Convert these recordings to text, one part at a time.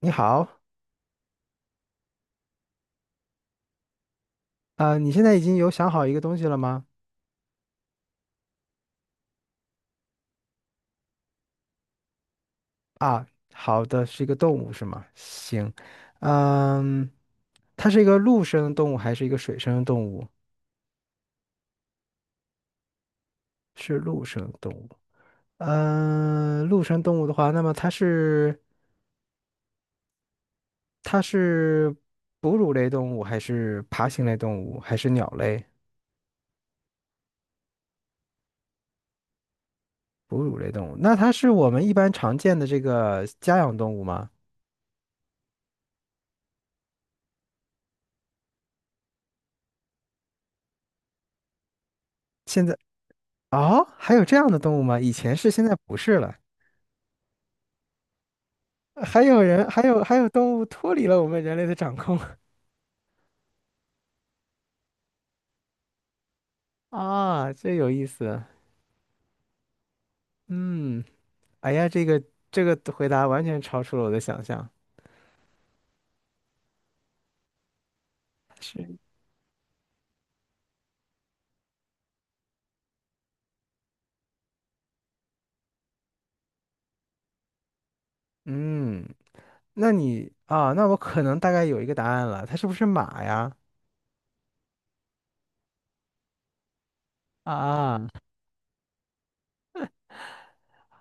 你好，你现在已经有想好一个东西了吗？啊，好的，是一个动物是吗？行，嗯，它是一个陆生的动物还是一个水生的动物？是陆生的动物。嗯，陆生动物的话，那么它是它是哺乳类动物还是爬行类动物还是鸟类？哺乳类动物，那它是我们一般常见的这个家养动物吗？现在哦，还有这样的动物吗？以前是，现在不是了。还有人，还有动物脱离了我们人类的掌控。 啊，这有意思。嗯，哎呀，这个回答完全超出了我的想象。是，嗯，那你啊，那我可能大概有一个答案了，它是不是马呀？啊，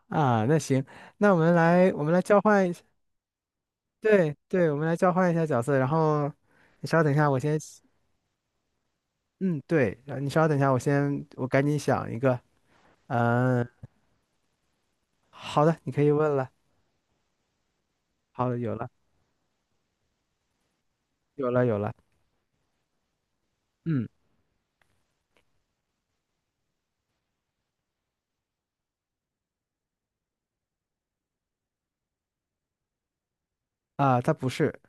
啊，那行，那我们来交换一下，对对，我们来交换一下角色，然后你稍等一下，我先，嗯，对，然后你稍等一下，我先赶紧想一个，嗯，好的，你可以问了，好，有了有了。嗯啊，它不是，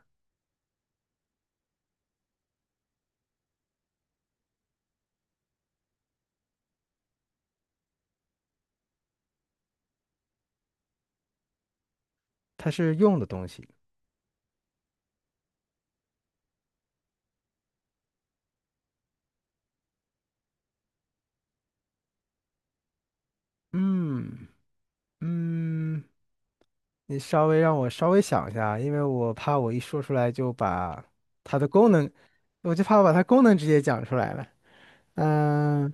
它是用的东西。嗯嗯，你稍微让我稍微想一下，因为我怕我一说出来就把它的功能，我就怕我把它功能直接讲出来了。嗯，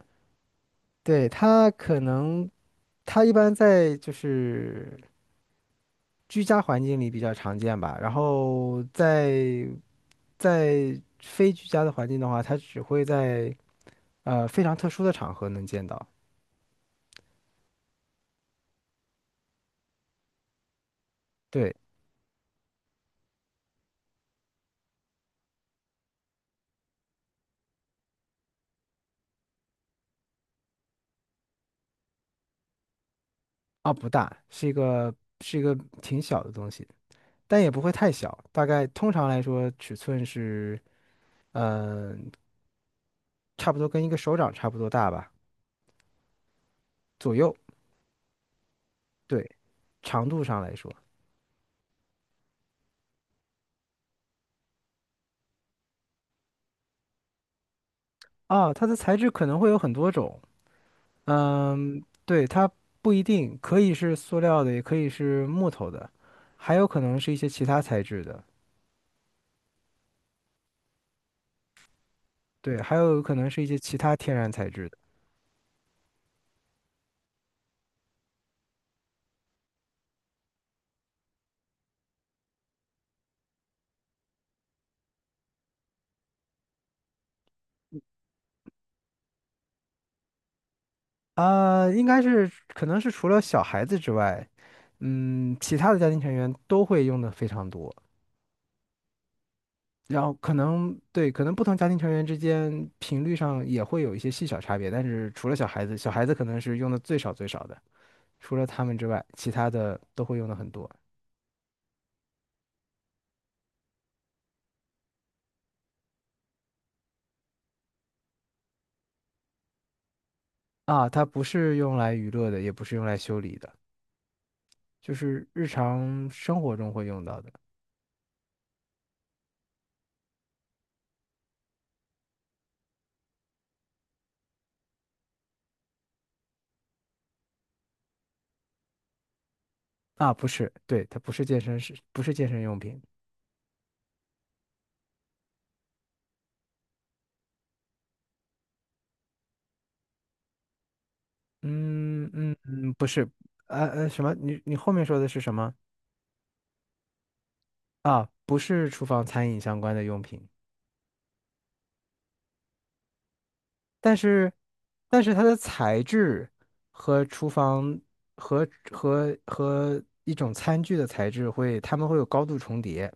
对，它可能一般在就是居家环境里比较常见吧，然后在非居家的环境的话，它只会在非常特殊的场合能见到。对。啊，不大，是一个是一个挺小的东西，但也不会太小，大概通常来说尺寸是，嗯，差不多跟一个手掌差不多大吧，左右。对，长度上来说，啊，它的材质可能会有很多种，嗯，对，它不一定，可以是塑料的，也可以是木头的，还有可能是一些其他材质的，对，还有可能是一些其他天然材质的。啊，应该是可能是除了小孩子之外，嗯，其他的家庭成员都会用的非常多。然后可能对，可能不同家庭成员之间频率上也会有一些细小差别，但是除了小孩子，小孩子可能是用的最少最少的，除了他们之外，其他的都会用的很多啊。它不是用来娱乐的，也不是用来修理的，就是日常生活中会用到的啊。不是，对，它不是健身，是不是健身用品？嗯，不是，什么？你后面说的是什么啊？不是厨房餐饮相关的用品，但是它的材质和厨房和和一种餐具的材质会，它们会有高度重叠。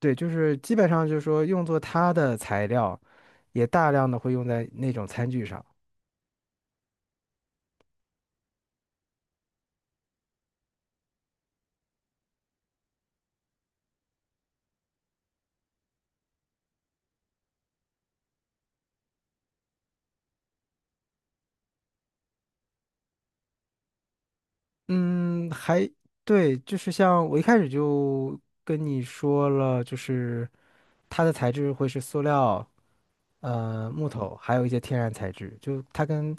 对，就是基本上就是说用作它的材料，也大量的会用在那种餐具上。嗯，还对，就是像我一开始就跟你说了，就是它的材质会是塑料，呃，木头，还有一些天然材质，就它跟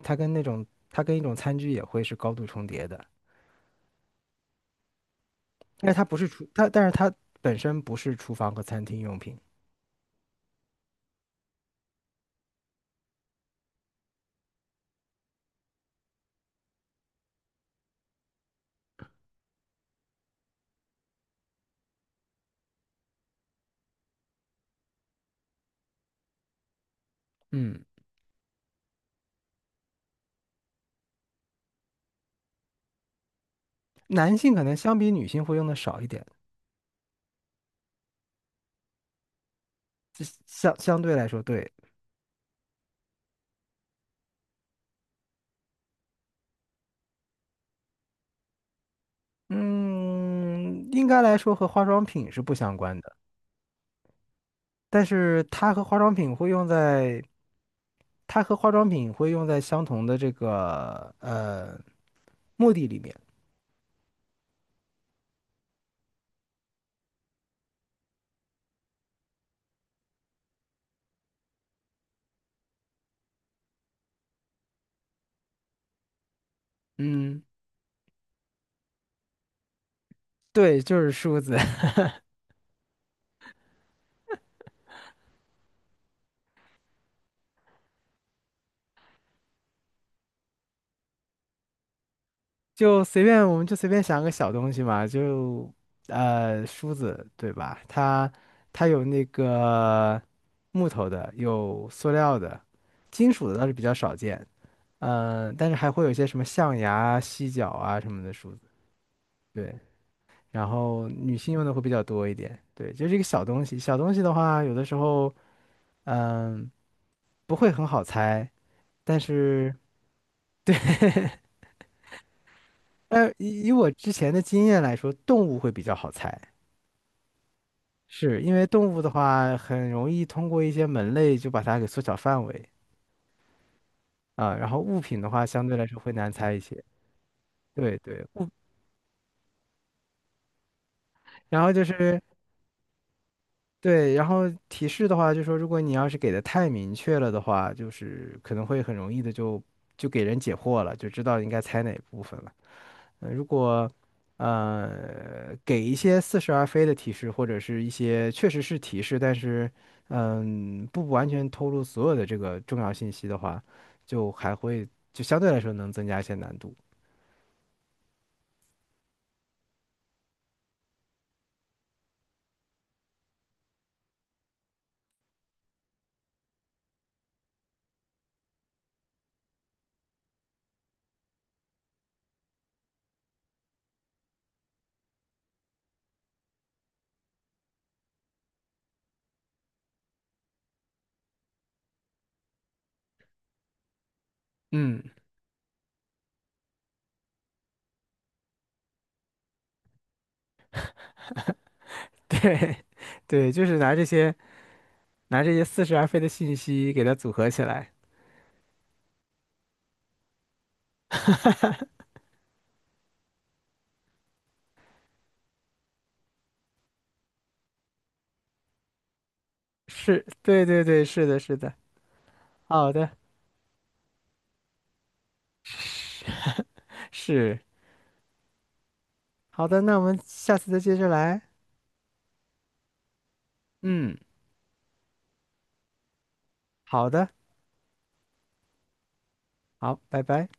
它跟那种它跟一种餐具也会是高度重叠的，但是它不是厨它，但是它本身不是厨房和餐厅用品。嗯，男性可能相比女性会用的少一点，这相对来说，对，嗯，应该来说和化妆品是不相关的，但是它和化妆品会用在相同的这个目的里面。嗯，对，就是梳子。就随便，我们就随便想个小东西嘛，就梳子对吧？它有那个木头的，有塑料的，金属的倒是比较少见，呃，但是还会有一些什么象牙、犀角啊什么的梳子，对。然后女性用的会比较多一点，对，就是一个小东西。小东西的话，有的时候嗯、不会很好猜，但是对，以我之前的经验来说，动物会比较好猜。是因为动物的话，很容易通过一些门类就把它给缩小范围啊，然后物品的话，相对来说会难猜一些。对对，物，然后就是对，然后提示的话，就说如果你要是给的太明确了的话，就是可能会很容易的就给人解惑了，就知道应该猜哪部分了。呃如果给一些似是而非的提示，或者是一些确实是提示，但是嗯不完全透露所有的这个重要信息的话，就还会相对来说能增加一些难度。嗯，对对，就是拿这些似是而非的信息给它组合起来。是，对对对，是的，是的，好的，是好的，那我们下次再接着来。嗯，好的，好，拜拜。